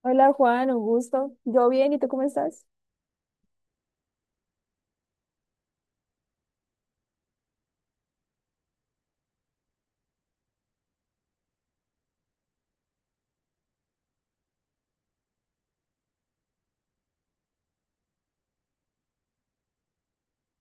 Hola Juan, un gusto. Yo bien, ¿y tú cómo estás?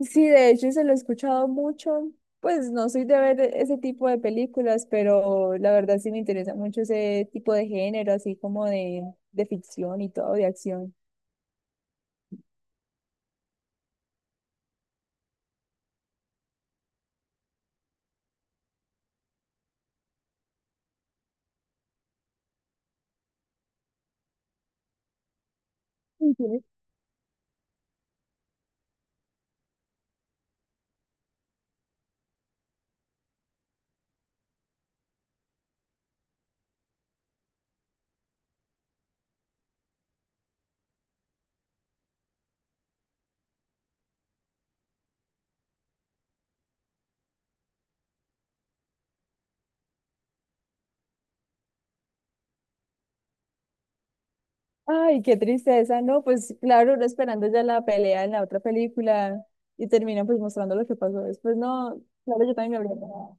Sí, de hecho se lo he escuchado mucho. Pues no soy de ver ese tipo de películas, pero la verdad sí me interesa mucho ese tipo de género, así como de ficción y todo, de acción. Ujú. Ay, qué tristeza, ¿no? Pues claro, uno esperando ya la pelea en la otra película y terminan pues mostrando lo que pasó después. No, claro, yo también me habría enojado.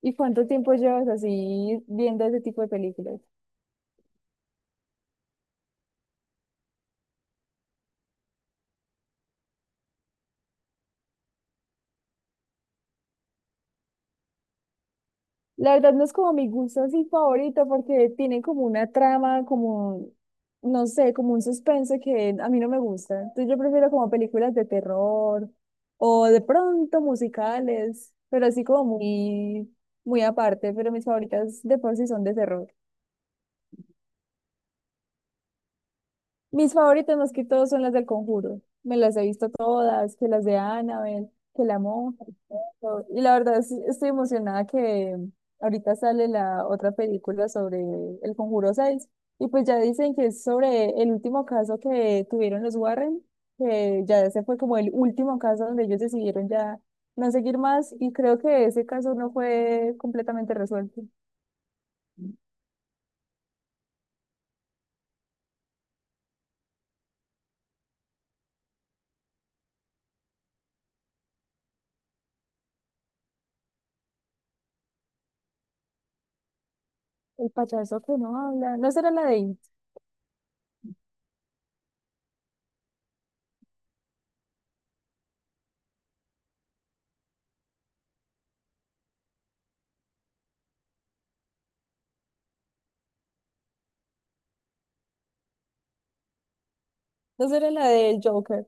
¿Y cuánto tiempo llevas así viendo ese tipo de películas? La verdad no es como mi gusto así favorito porque tiene como una trama, como, no sé, como un suspense que a mí no me gusta. Entonces yo prefiero como películas de terror o de pronto musicales, pero así como muy, muy aparte, pero mis favoritas de por sí son de terror. Mis favoritas más que todo son las del Conjuro. Me las he visto todas, que las de Annabelle, que la monja. Y todo. Y la verdad estoy emocionada que ahorita sale la otra película sobre el Conjuro 6. Y pues ya dicen que es sobre el último caso que tuvieron los Warren, que ya ese fue como el último caso donde ellos decidieron ya no seguir más. Y creo que ese caso no fue completamente resuelto. El payaso que no habla. ¿No será la de It? ¿No será la del Joker?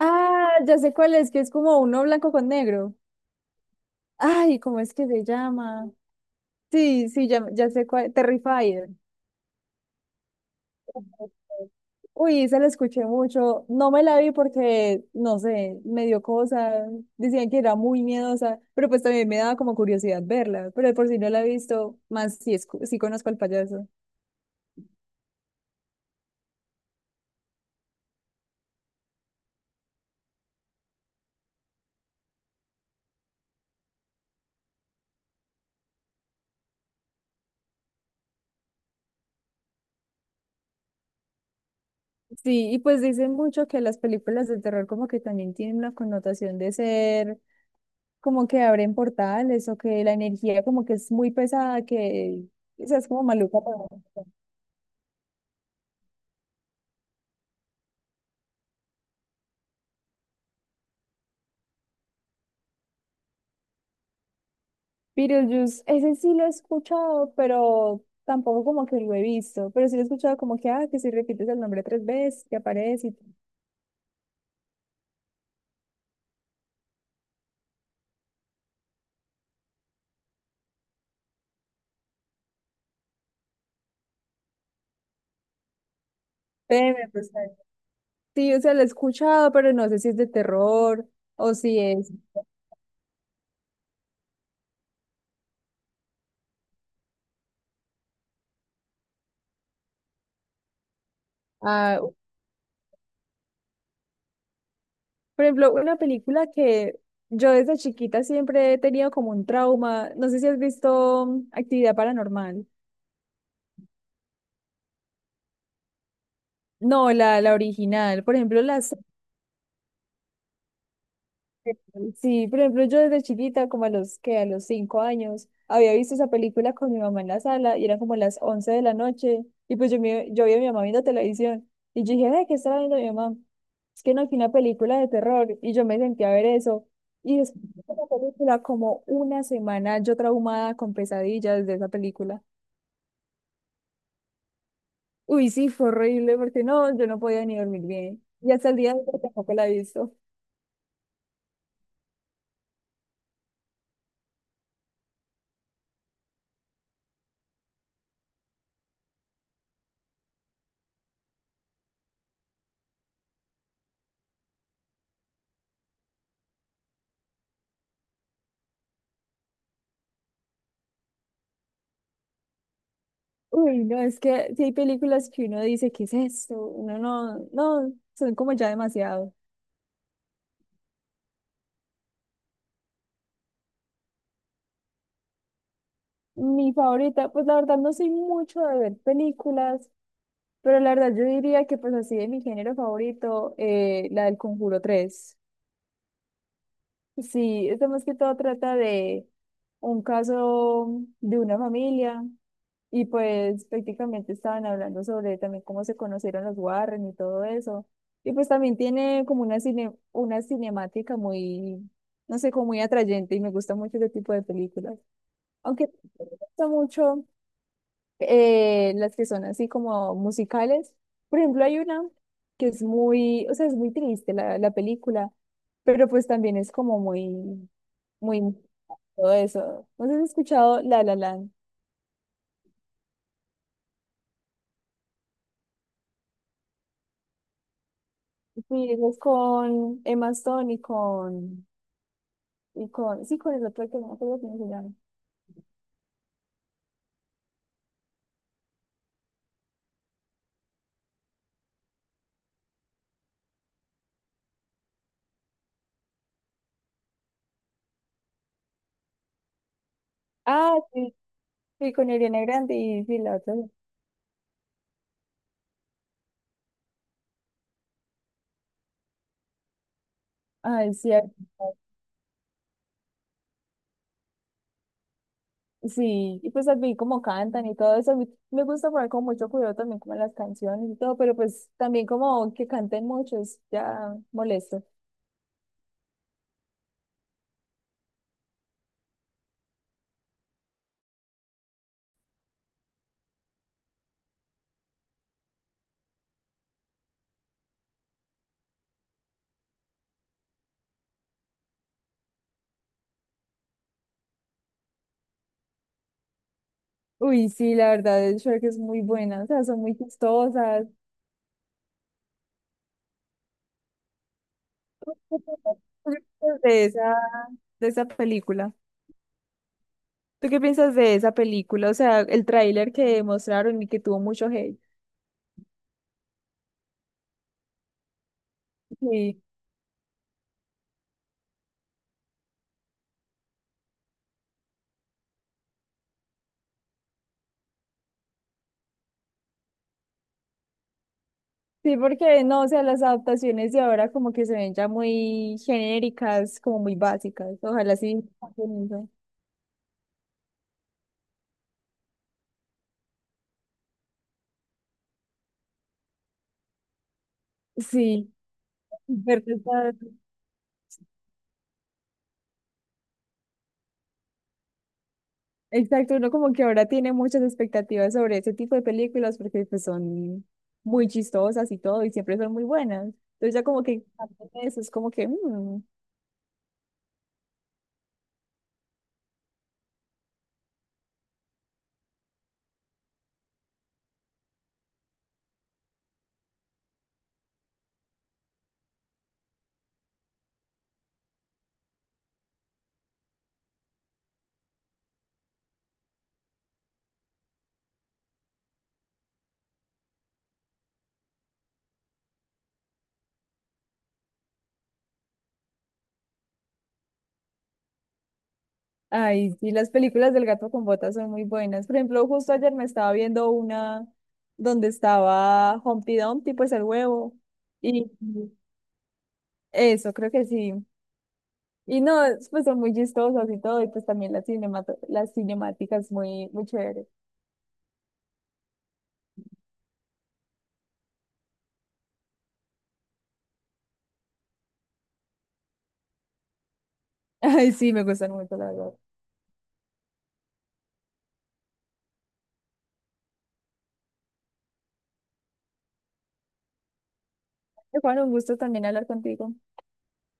Ah, ya sé cuál es, que es como uno blanco con negro. Ay, ¿cómo es que se llama? Sí, sí, ya, ya sé cuál. Terrifier. Uy, esa la escuché mucho. No me la vi porque, no sé, me dio cosa. Decían que era muy miedosa, pero pues también me daba como curiosidad verla. Pero de por si no la he visto, más si, si conozco al payaso. Sí, y pues dicen mucho que las películas de terror como que también tienen una connotación de ser como que abren portales o que la energía como que es muy pesada, que quizás es como maluca. Uno. Beetlejuice, ese sí lo he escuchado, pero tampoco como que lo he visto, pero sí lo he escuchado como que, ah, que si repites el nombre 3 veces, que aparece y... Teme, pues, tal. Sí, o sea, lo he escuchado, pero no sé si es de terror o si es... Ah, por ejemplo, una película que yo desde chiquita siempre he tenido como un trauma. No sé si has visto Actividad Paranormal. No, la original. Por ejemplo, las sí, por ejemplo, yo desde chiquita, como a los 5 años, había visto esa película con mi mamá en la sala y eran como las 11 de la noche. Y pues yo vi a mi mamá viendo televisión y yo dije, ay, ¿qué estaba viendo mi mamá? Es que no, fue una película de terror y yo me senté a ver eso. Y después de la película, como una semana, yo traumada con pesadillas de esa película. Uy, sí, fue horrible porque no, yo no podía ni dormir bien. Y hasta el día de hoy tampoco la he visto. Uy, no, es que si hay películas que uno dice, ¿qué es esto? Uno no, no, son como ya demasiado. Mi favorita, pues la verdad no soy mucho de ver películas, pero la verdad yo diría que pues así de mi género favorito, la del Conjuro 3. Sí, esto más que todo trata de un caso de una familia. Y pues prácticamente estaban hablando sobre también cómo se conocieron los Warren y todo eso. Y pues también tiene como una una cinemática muy, no sé, como muy atrayente y me gusta mucho ese tipo de películas. Aunque me gusta mucho las que son así como musicales. Por ejemplo, hay una que es muy, o sea, es muy triste la película, pero pues también es como muy, muy, todo eso. ¿No sé si has escuchado La La Land? Sí, eso es con Emma Stone con el otro que no me acuerdo cómo se llama. Ah, sí, sí, con Ariana Grande y sí, la otra. Ay, cierto. Sí, y pues vi como cantan y todo eso, a mí me gusta poner como mucho cuidado también como en las canciones y todo, pero pues también como que canten mucho es ya molesto. Uy, sí, la verdad, el Shrek es muy buena, o sea, son muy chistosas. De esa, de esa película. ¿Tú qué piensas de esa película? O sea, el tráiler que mostraron y que tuvo mucho hate. Sí, sí, porque no, o sea, las adaptaciones de ahora como que se ven ya muy genéricas, como muy básicas. Ojalá sí. Sí, ver que exacto, uno como que ahora tiene muchas expectativas sobre ese tipo de películas porque pues son muy chistosas y todo y siempre son muy buenas. Entonces ya como que parte de eso es como que, mm, ay, sí, las películas del gato con botas son muy buenas. Por ejemplo, justo ayer me estaba viendo una donde estaba Humpty Dumpty, pues el huevo. Y eso, creo que sí. Y no, pues son muy chistosas y todo, y pues también las las cinemáticas muy, muy chéveres. Ay, sí, me gustan mucho, la verdad. Juan, un gusto también hablar contigo.